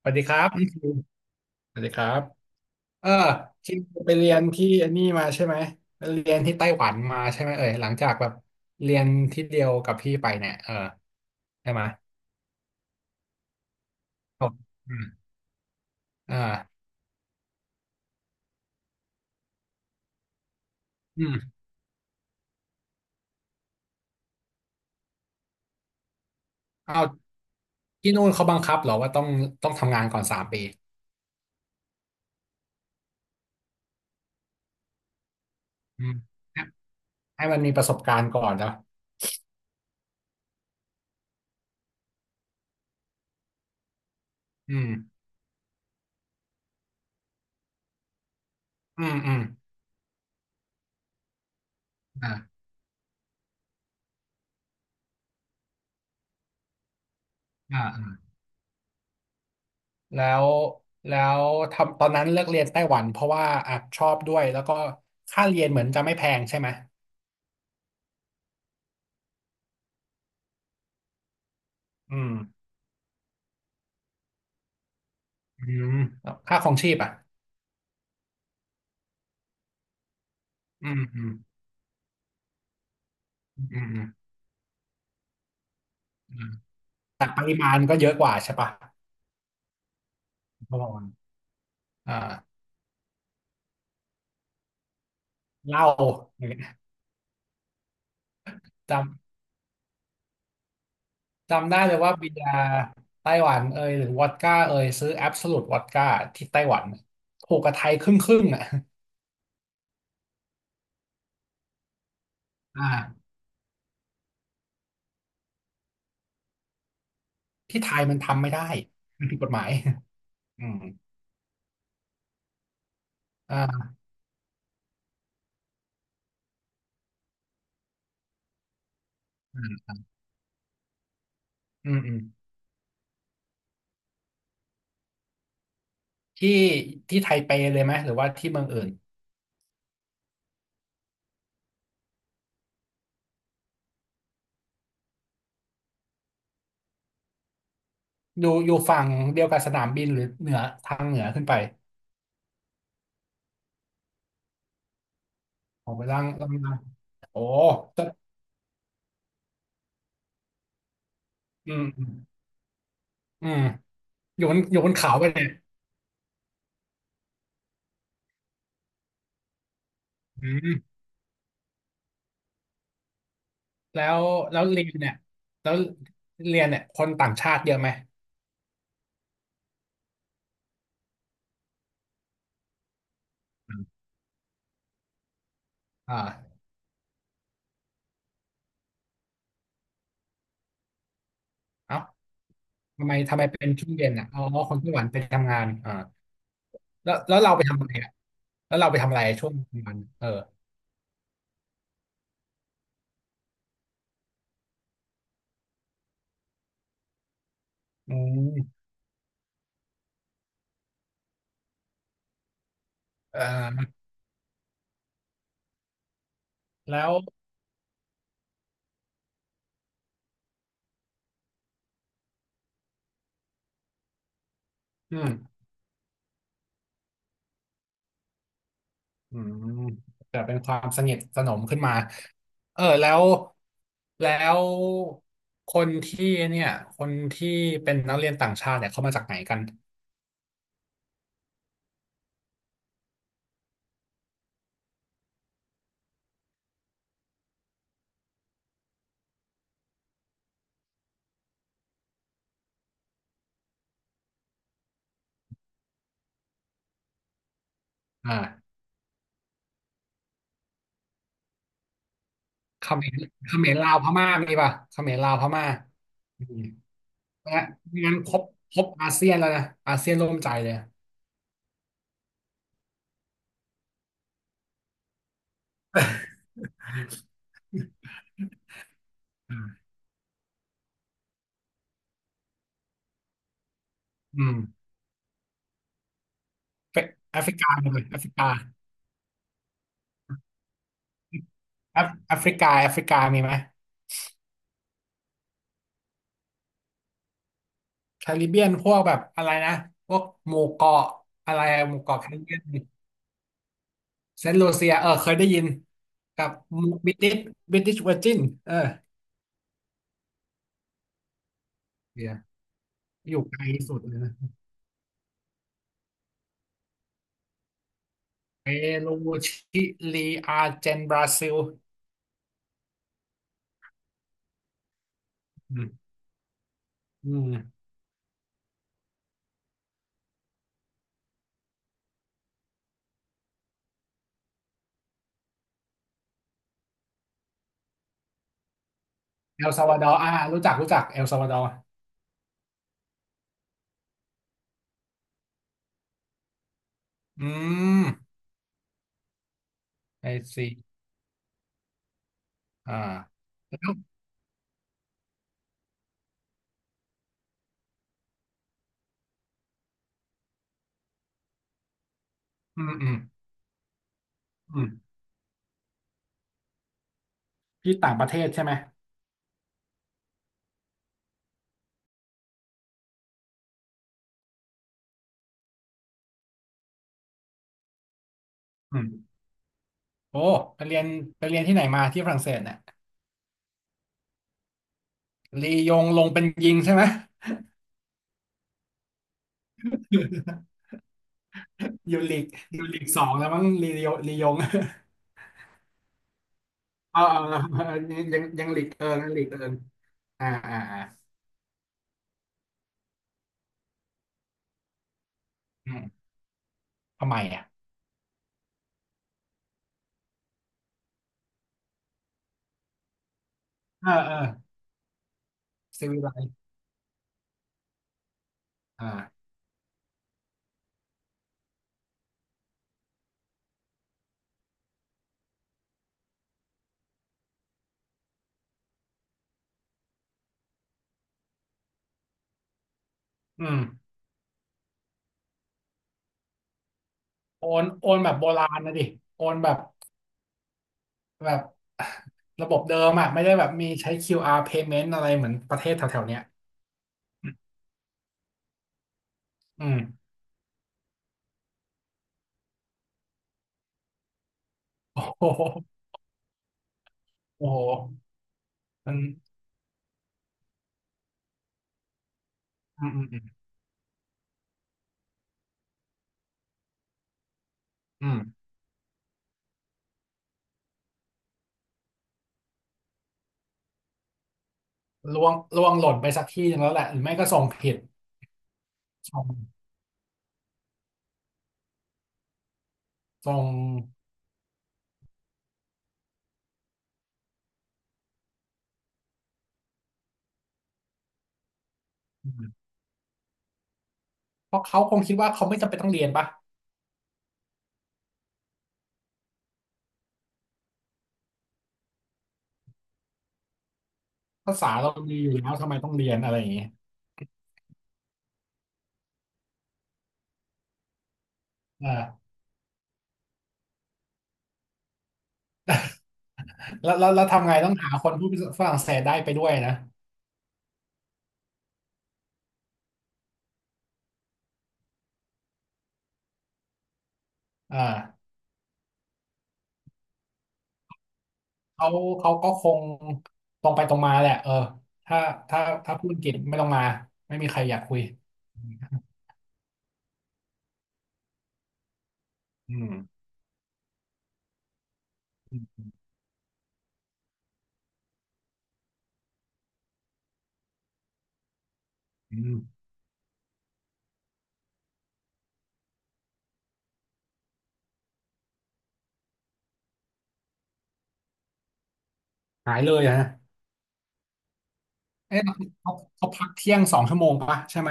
สวัสดีครับพี่คิวสวัสดีครับเออคิวไปเรียนที่อันนี่มาใช่ไหมไปเรียนที่ไต้หวันมาใช่ไหมเอ่ยหลังจากแบบเรียนที่เดียวกับพี่ไปเนี่ยใช่ไหมครับอืมอ่าอืมเอาที่นู่นเขาบังคับเหรอว่าต้องทำงานก่อนสามปีอืมให้มันมีประสบการณ์ก่อนเนาะอืมอืมอืมอ่าอ่าอ่าแล้วแล้วทำตอนนั้นเลือกเรียนไต้หวันเพราะว่าอ่ะชอบด้วยแล้วก็ค่าเรียนเหมือนจะไม่แพงใช่ไหมอืม อืมแล้วค่าครองชีพอ่ะอืมอืมอืมอืมอืมแต่ปริมาณก็เยอะกว่าใช่ปะประมาณอ่าเหล้าอย่างเงี้ยจำจำได้เลยว่าเบียร์ไต้หวันเอยหรือวอดก้าเอยซื้อแอบ o ู u ตวอดก้าที่ไต้หวันถูกกับไทยครึ่งครึ่งอ่ะอ่าที่ไทยมันทำไม่ได้มันผิดกฎหมายอืมอ่าอืมอืมอืมที่ที่ไทเปเลยไหมหรือว่าที่เมืองอื่นอยู่อยู่ฝั่งเดียวกับสนามบินหรือเหนือทางเหนือขึ้นไปออกไปล่างล่าง โอ้จะอืมอืมอยู่บนอยู่บนเขาไปเนี่ยอืมแล้วแล้วเรียนเนี่ย แล้วเรียนเนี่ยคนต่างชาติเยอะไหมอมอ่าเอ้าทำไมทำไมเป็นช่วงเย็นอ่ะอ๋อคนไต้หวันไปทำงานแล้วแล้วเราไปทำอะไรอ่ะแล้วเราไปทำอะไรช่วงกลางวันอืมเอ่อแล้วอืม อืมแต่เป็นความสนิทสนมขึ้นมาแล้วแล้วคนที่เนี่ยคนที่เป็นนักเรียนต่างชาติเนี่ยเขามาจากไหนกันอ่าเขมรเขมรลาวพม่ามีป่ะเขมรลาวพม่าอืมและงั้นครบครบอาเซียนแล้วนะอาเซียนร่วมใจเลยอ่าอืมเป็นแอฟริกาหมดเลยแอฟริกาแอฟริกาแอฟริกามีไหมแคริบเบียนพวกแบบอะไรนะพวกหมู่เกาะอะไรหมู่เกาะแคริบเบียน เซนต์ลูเซียเคยได้ยินกับบิ t ิชบิติชเวอร์จินเออเดี๋ยวอยู่ไกลสุดเลยนะเปรูชิลีอาร์เจนบราซิลอืมอืมเอลซัลวาดอร์อ่ารู้จักรู้จักเอลซัลวาดอร์อืมไอซีอ่าแล้วอืมอืมอืมที่ต่างประเทศใช่ไหมอืมโอ้ไปเรียนไปเรียนที่ไหนมาที่ฝรั่งเศสเนี่ยลียงลงเป็นยิงใช่ไหม อยู่ลีกอยู่ลีกสองแล้วมั้งลียงลียง เออเออยังยังหลีกเอิงยังหลีกเอิงอ่าอ่าอ่าอืมทำไมอ่ะเออเออซีวิไลอ่าอืมโอนโอนแบบโบราณนะดิโอนแบบแบบ ระบบเดิมอ่ะไม่ได้แบบมีใช้ QR payment อะไรเหมือนประเทศแถวๆเนี้ยอืมโอ้โหโอ้โหมันอืมอืมอืมอืมล่วงล่วงหล่นไปสักที่หนึ่งแล้วแหละหรือไม่ก็ส่งผิดส่งส่งอืมเพราะเขาคงคิดว่าเขาไม่จำเป็นต้องเรียนปะ ภาษาเรามีอยู่แล้วทำไมต้องเรียนอะไรอย่างเงี้ยอ่าแล้วแล้วแล้วทำไงต้องหาคนพูดฝรั่งเศสได้ไปด้วยนะอ่าเขาเขาก็คงตรงไปตรงมาแหละถ้าถ้าถ้าพูดอังกฤษไม่ต้องมาไม่มีใครอยากคุยอืมอืมอืมหายเลยอะนะเอ๊ะเขาเขาพักเที่ยงสองชั่วโมงปะใช่ไหม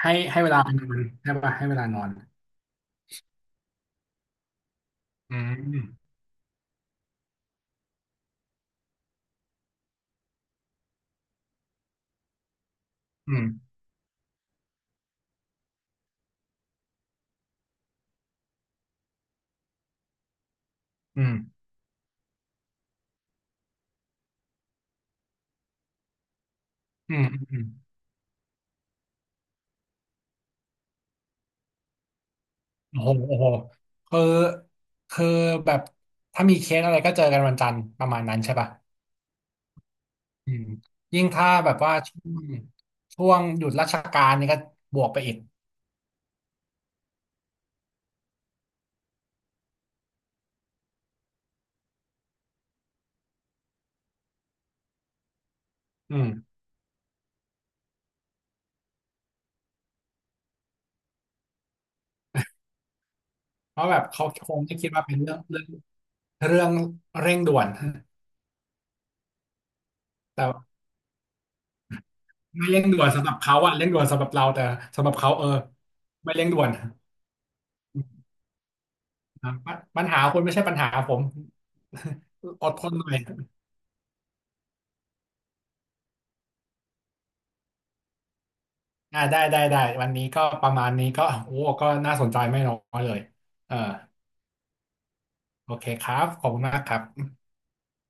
ให้ให้เวลานอนใช่ปะให้เวลานอนอืมอืมอืมอืมอืม โอ้โหโอ้โหคือคือแบบถ้ามีเคสอะไรก็เจอกันวันจันทร์ประมาณนั้นใช่ป่ะอืมยิ่งถ้าแบบว่าช่วงหยุดราชการนี่ก็บวกไปอีกอืมเพราะแบบเขาคงไม่คิดว่าเป็นเรื่องเร่งด่วนแต่ไม่เร่งด่วนสำหรับเขาอะเร่งด่วนสำหรับเราแต่สำหรับเขาไม่เร่งด่วนนะปปัญหาคุณไม่ใช่ปัญหาผม อดทนหน่อย ได้วันนี้ก็ประมาณนี้ก็ก็น่าสนใจไม่น้อยเลยเออโอเคครับขอบคุณมากครับ